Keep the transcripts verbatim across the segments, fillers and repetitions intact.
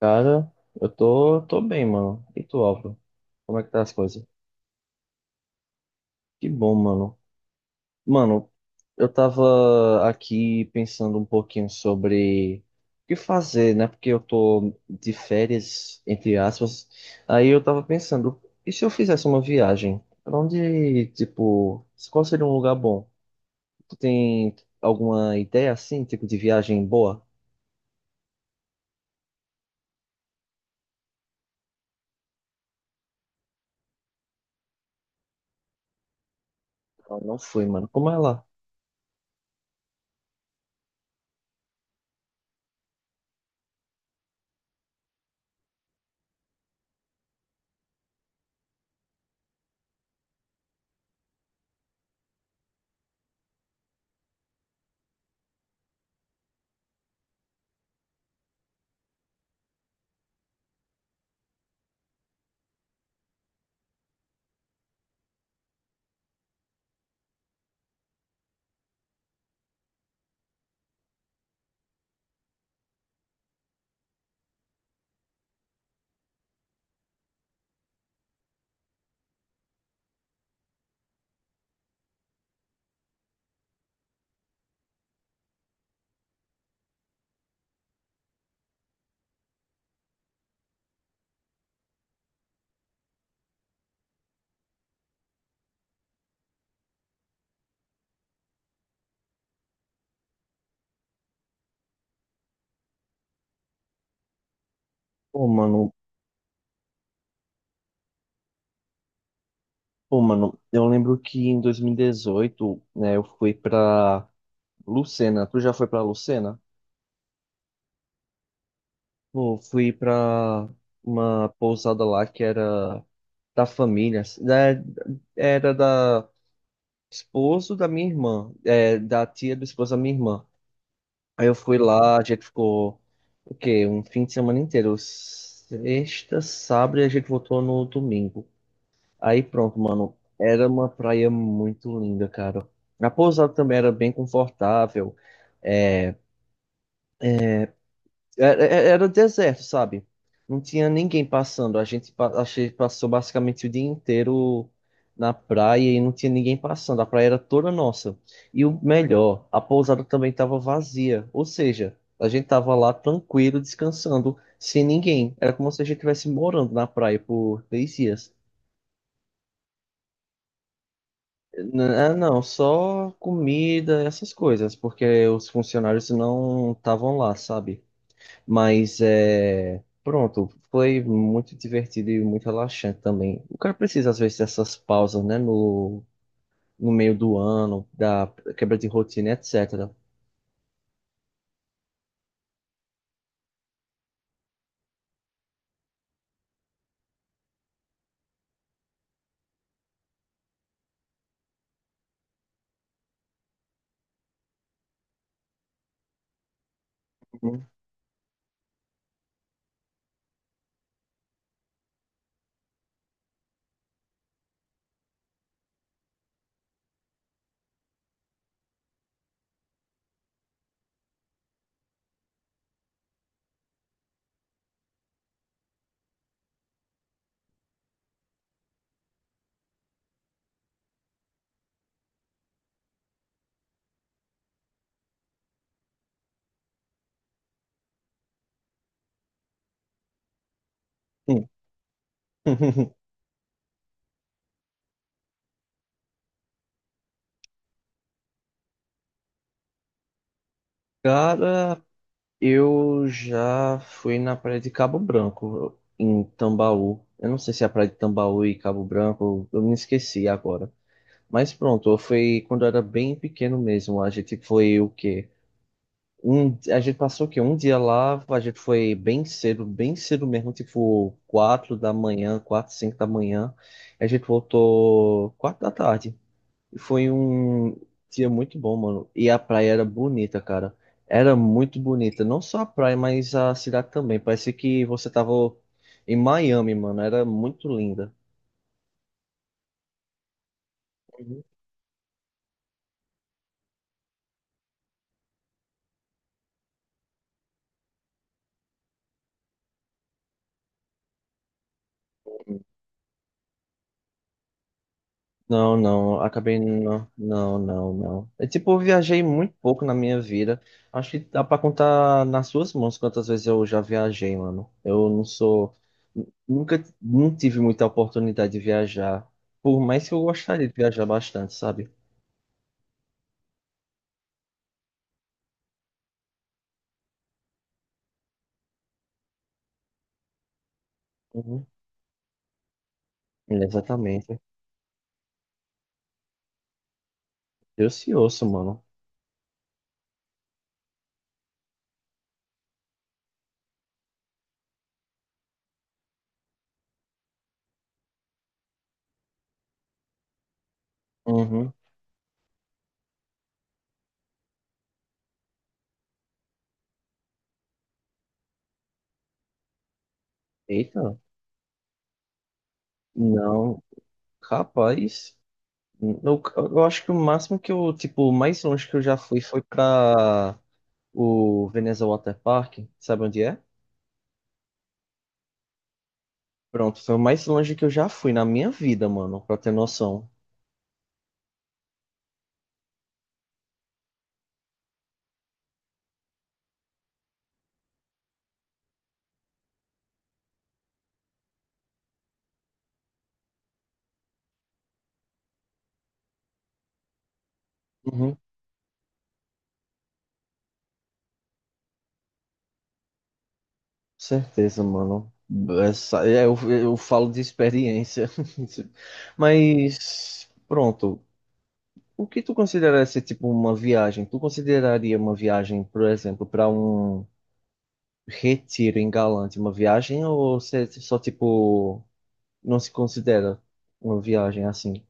Cara, eu tô, tô bem, mano. E tu, Álvaro? Como é que tá as coisas? Que bom, mano. Mano, eu tava aqui pensando um pouquinho sobre o que fazer, né? Porque eu tô de férias, entre aspas. Aí eu tava pensando, e se eu fizesse uma viagem? Pra onde, tipo, qual seria um lugar bom? Tu tem alguma ideia assim, tipo, de viagem boa? Eu não fui, mano. Como é lá? Pô, mano, Pô, mano, eu lembro que em dois mil e dezoito, né, eu fui pra Lucena. Tu já foi pra Lucena? Pô, fui pra uma pousada lá que era da família, assim, né, era da esposo da minha irmã, é, da tia do esposo da minha irmã. Aí eu fui lá, a gente ficou, o quê? Um fim de semana inteiro, sexta, sábado e a gente voltou no domingo. Aí pronto, mano. Era uma praia muito linda, cara. A pousada também era bem confortável. Era, era era deserto, sabe? Não tinha ninguém passando. A gente, pa- a gente passou basicamente o dia inteiro na praia e não tinha ninguém passando. A praia era toda nossa. E o melhor, a pousada também estava vazia. Ou seja, a gente tava lá tranquilo, descansando, sem ninguém. Era como se a gente estivesse morando na praia por três dias. N- ah, Não, só comida, essas coisas, porque os funcionários não estavam lá, sabe? Mas é. Pronto, foi muito divertido e muito relaxante também. O cara precisa, às vezes, dessas pausas, né? No, no meio do ano, da quebra de rotina, et cetera. Uhum. Hum. Cara, eu já fui na praia de Cabo Branco, em Tambaú. Eu não sei se é a praia de Tambaú e Cabo Branco, eu me esqueci agora. Mas pronto, foi quando eu era bem pequeno mesmo. A gente foi o quê? Um, a gente passou o quê? Um dia lá, a gente foi bem cedo, bem cedo mesmo, tipo quatro da manhã, quatro, cinco da manhã. A gente voltou quatro da tarde. E foi um dia muito bom, mano. E a praia era bonita, cara. Era muito bonita. Não só a praia, mas a cidade também. Parecia que você tava em Miami, mano. Era muito linda. Uhum. Não, não, acabei não, não, não, não. É tipo, eu viajei muito pouco na minha vida. Acho que dá pra contar nas suas mãos quantas vezes eu já viajei, mano. Eu não sou, nunca, não tive muita oportunidade de viajar, por mais que eu gostaria de viajar bastante, sabe? Uhum. Exatamente. Eu se ouço, mano. Uhum. Eita, não, capaz. Eu, eu acho que o máximo que eu, tipo, o mais longe que eu já fui foi pra o Veneza Water Park, sabe onde é? Pronto, foi o mais longe que eu já fui na minha vida, mano, pra ter noção. Uhum, com certeza, mano. Essa, é, eu, eu falo de experiência. Mas, pronto, o que tu considera ser tipo uma viagem? Tu consideraria uma viagem, por exemplo, para um retiro em Galante uma viagem ou você só tipo não se considera uma viagem assim?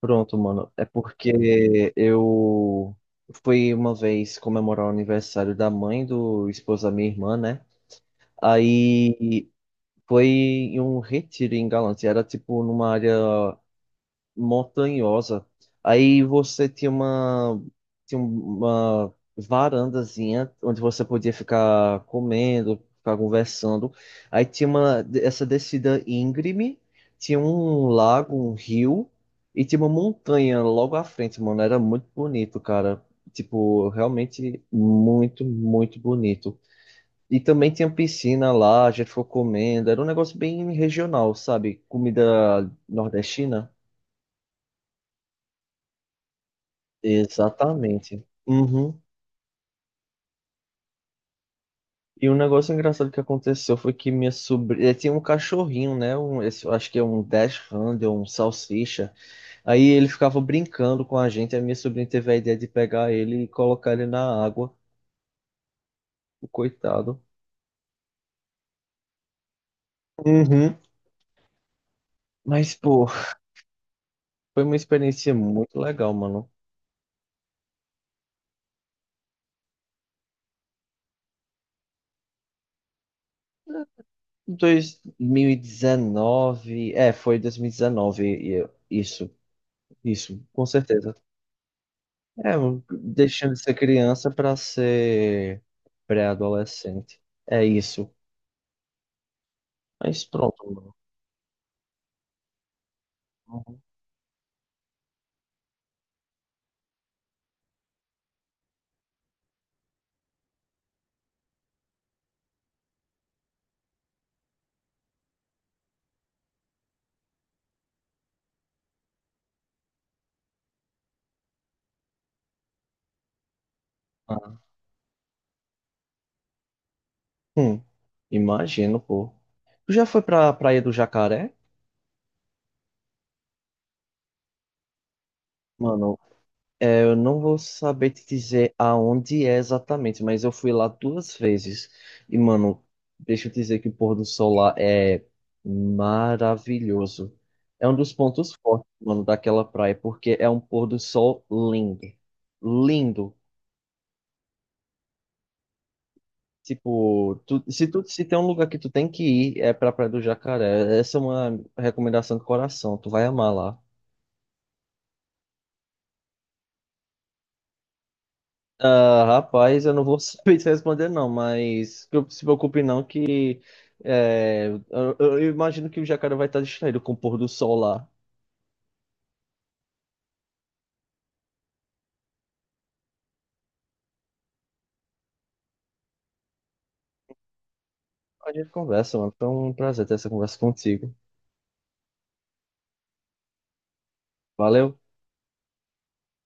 Pronto, mano. É porque eu fui uma vez comemorar o aniversário da mãe do esposo da minha irmã, né? Aí foi em um retiro em Galantes. E era tipo numa área montanhosa. Aí você tinha uma, tinha uma varandazinha onde você podia ficar comendo, ficar conversando. Aí tinha uma, essa descida íngreme, tinha um lago, um rio e tinha uma montanha logo à frente, mano. Era muito bonito, cara. Tipo, realmente muito, muito bonito. E também tinha piscina lá, a gente ficou comendo. Era um negócio bem regional, sabe? Comida nordestina. Exatamente. Uhum. E um negócio engraçado que aconteceu foi que minha sobrinha tinha um cachorrinho, né? Um, esse- eu acho que é um Dash Handle, um salsicha. Aí ele ficava brincando com a gente. A minha sobrinha teve a ideia de pegar ele e colocar ele na água, o coitado. Uhum. Mas, pô, foi uma experiência muito legal, mano. dois mil e dezenove, é, foi dois mil e dezenove, e dezenove. E eu- isso, isso, com certeza. É, deixando de ser criança para ser pré-adolescente. É isso. Mas pronto, mano. Uhum. Ah, hum, imagino, pô. Tu já foi pra Praia do Jacaré? Mano, é, eu não vou saber te dizer aonde é exatamente, mas eu fui lá duas vezes. E, mano, deixa eu dizer que o pôr do sol lá é maravilhoso. É um dos pontos fortes, mano, daquela praia, porque é um pôr do sol lindo. Lindo. Tipo, tu- se, tu, se tem um lugar que tu tem que ir, é pra Praia do Jacaré. Essa é uma recomendação do coração, tu vai amar lá. Ah, rapaz, eu não vou saber te responder não, mas não se preocupe não que é, eu, eu imagino que o Jacaré vai estar distraído com o pôr do sol lá. A gente conversa, mano. Foi um prazer ter essa conversa contigo. Valeu.